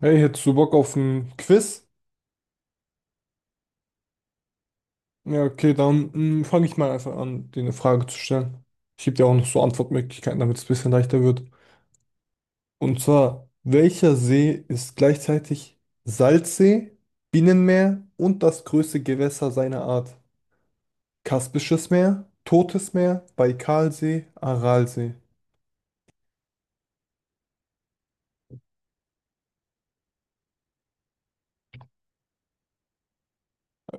Hey, hättest du Bock auf ein Quiz? Ja, okay, dann fange ich mal einfach an, dir eine Frage zu stellen. Ich gebe dir auch noch so Antwortmöglichkeiten, damit es ein bisschen leichter wird. Und zwar, welcher See ist gleichzeitig Salzsee, Binnenmeer und das größte Gewässer seiner Art? Kaspisches Meer, Totes Meer, Baikalsee, Aralsee.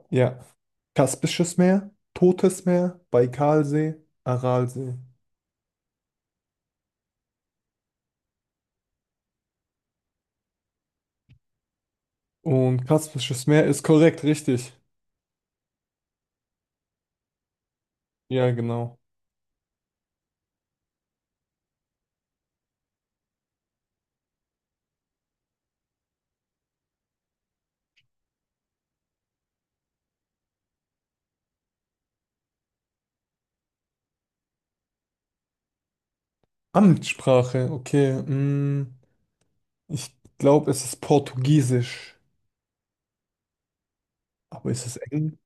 Ja, Kaspisches Meer, Totes Meer, Baikalsee, Aralsee. Und Kaspisches Meer ist korrekt, richtig. Ja, genau. Amtssprache, okay. Ich glaube, es ist Portugiesisch. Aber ist es Englisch?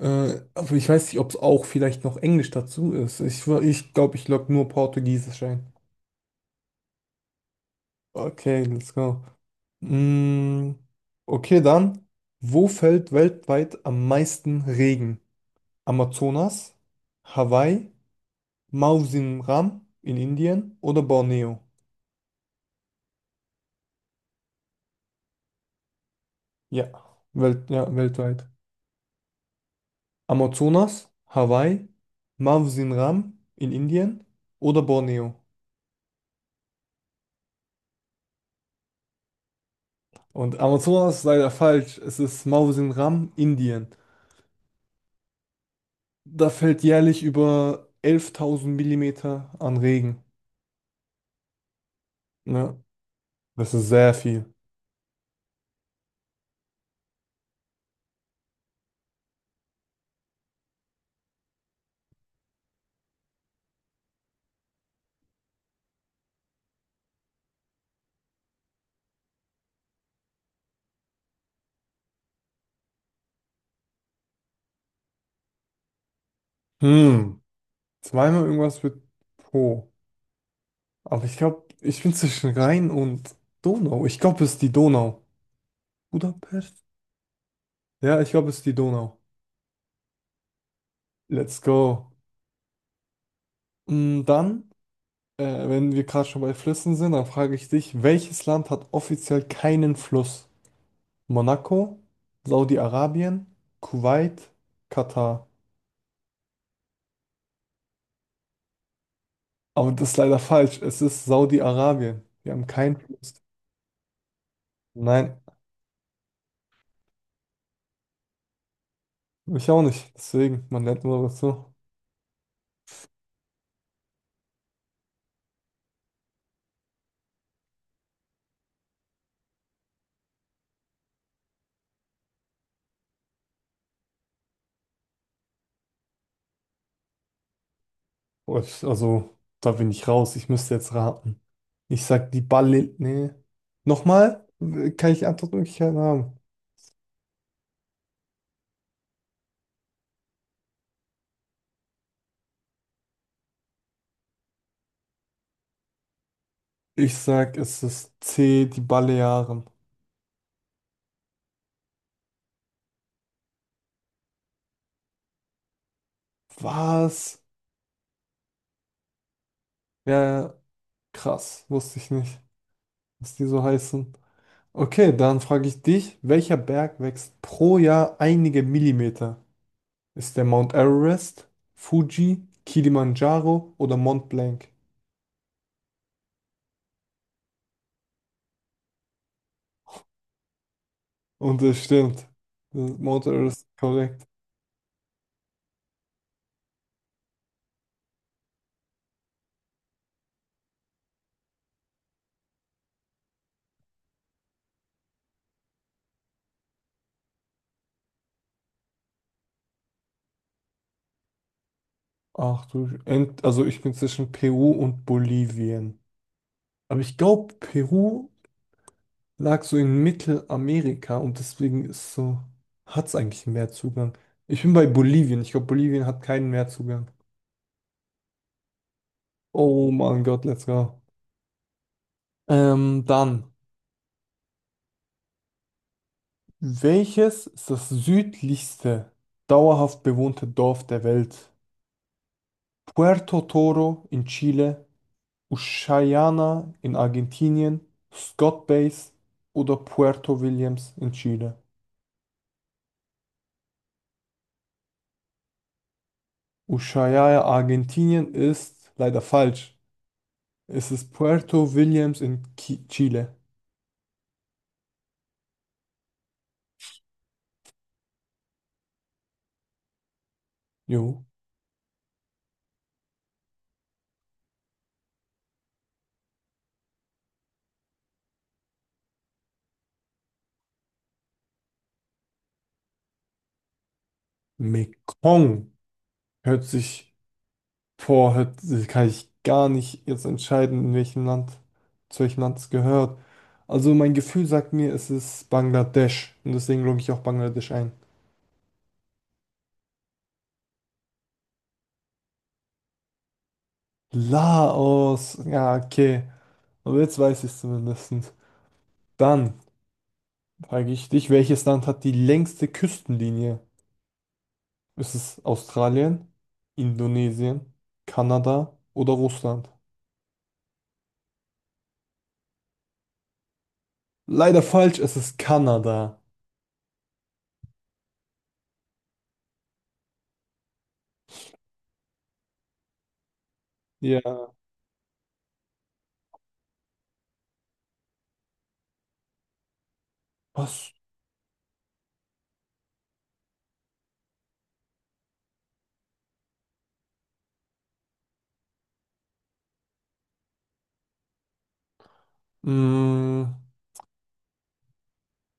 Aber ich weiß nicht, ob es auch vielleicht noch Englisch dazu ist. Ich glaube, ich logge nur Portugiesisch ein. Okay, let's go. Mm, okay, dann. Wo fällt weltweit am meisten Regen? Amazonas, Hawaii, Mausim Ram in Indien oder Borneo? Ja, Welt, ja, weltweit. Amazonas, Hawaii, Mawsin Ram in Indien oder Borneo. Und Amazonas ist leider falsch. Es ist Mawsin Ram, Indien. Da fällt jährlich über 11.000 Millimeter an Regen. Ne? Das ist sehr viel. Hm, zweimal irgendwas mit Po. Aber ich glaube, ich bin zwischen Rhein und Donau. Ich glaube, es ist die Donau. Budapest? Ja, ich glaube, es ist die Donau. Let's go. Dann. Wenn wir gerade schon bei Flüssen sind, dann frage ich dich, welches Land hat offiziell keinen Fluss? Monaco, Saudi-Arabien, Kuwait, Katar. Aber das ist leider falsch. Es ist Saudi-Arabien. Wir haben keinen Fluss. Nein, ich auch nicht. Deswegen, man lernt immer dazu. Also, da bin ich raus. Ich müsste jetzt raten. Ich sag die Balle. Nee. Nochmal? Kann ich Antwortmöglichkeiten haben? Ich sag, es ist C, die Balearen. Was? Ja, ja. Krass, wusste ich nicht, dass die so heißen. Okay, dann frage ich dich, welcher Berg wächst pro Jahr einige Millimeter? Ist der Mount Everest, Fuji, Kilimanjaro oder Mont Blanc? Und es stimmt. Das ist Mount Everest ist korrekt. Ach du, Sch- Ent- also ich bin zwischen Peru und Bolivien. Aber ich glaube, Peru lag so in Mittelamerika und deswegen ist so, hat es eigentlich einen Meerzugang. Ich bin bei Bolivien. Ich glaube, Bolivien hat keinen Meerzugang. Oh mein Gott, let's go. Dann, welches ist das südlichste dauerhaft bewohnte Dorf der Welt? Puerto Toro in Chile, Ushuaia in Argentinien, Scott Base oder Puerto Williams in Chile? Ushuaia, Argentinien ist leider falsch. Es ist Puerto Williams in Ki Chile. Jo. Mekong hört sich boah, heute kann ich gar nicht jetzt entscheiden, in welchem Land, zu welchem Land es gehört. Also mein Gefühl sagt mir, es ist Bangladesch. Und deswegen logge ich auch Bangladesch ein. Laos, ja, okay. Aber jetzt weiß ich es zumindest. Dann frage ich dich, welches Land hat die längste Küstenlinie? Ist es Australien, Indonesien, Kanada oder Russland? Leider falsch, es ist Kanada. Ja. Was? Mm.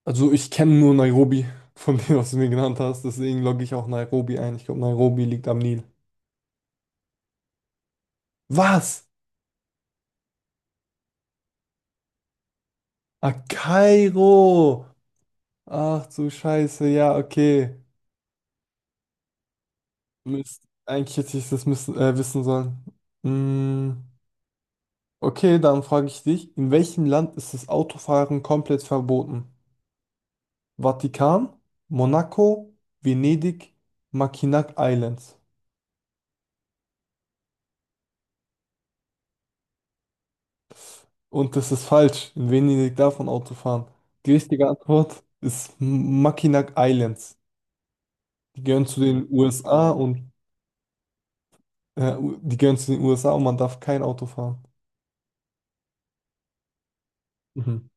Also ich kenne nur Nairobi von dem, was du mir genannt hast, deswegen logge ich auch Nairobi ein. Ich glaube, Nairobi liegt am Nil. Was? Ah, Kairo! Ach du Scheiße, ja, okay. Mist. Eigentlich hätte ich das müssen, wissen sollen. Mm, okay, dann frage ich dich, in welchem Land ist das Autofahren komplett verboten? Vatikan, Monaco, Venedig, Mackinac Islands. Und das ist falsch. In Venedig darf man Auto fahren. Die richtige Antwort ist Mackinac Islands. Die gehören zu den USA und die gehören zu den USA und man darf kein Auto fahren. Mhm.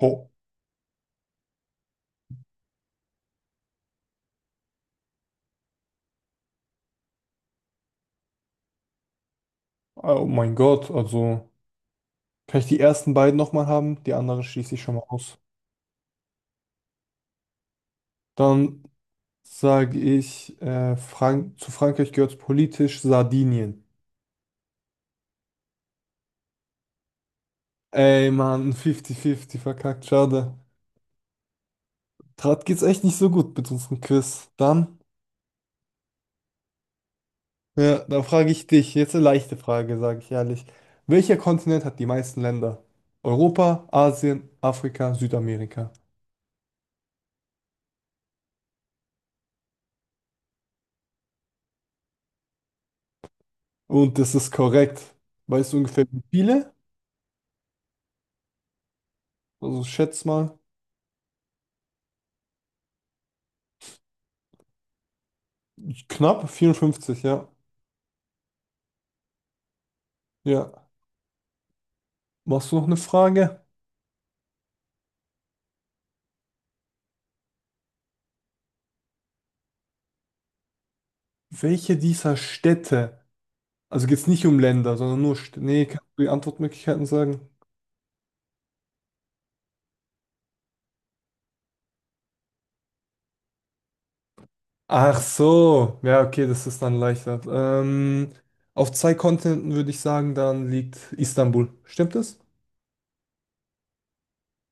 Oh, oh mein Gott, also kann ich die ersten beiden nochmal haben? Die anderen schließe ich schon mal aus. Dann sage ich, Frank zu Frankreich gehört politisch Sardinien. Ey, Mann, 50-50 verkackt, schade. Gerade geht's echt nicht so gut mit unserem Quiz. Dann. Ja, dann frage ich dich, jetzt eine leichte Frage, sage ich ehrlich. Welcher Kontinent hat die meisten Länder? Europa, Asien, Afrika, Südamerika. Und das ist korrekt. Weißt du ungefähr wie viele? Also schätz mal. Knapp 54, ja. Ja. Machst du noch eine Frage? Welche dieser Städte, also geht es nicht um Länder, sondern nur Städte. Nee, kannst du die Antwortmöglichkeiten sagen? Ach so, ja, okay, das ist dann leichter. Auf zwei Kontinenten würde ich sagen, dann liegt Istanbul. Stimmt das?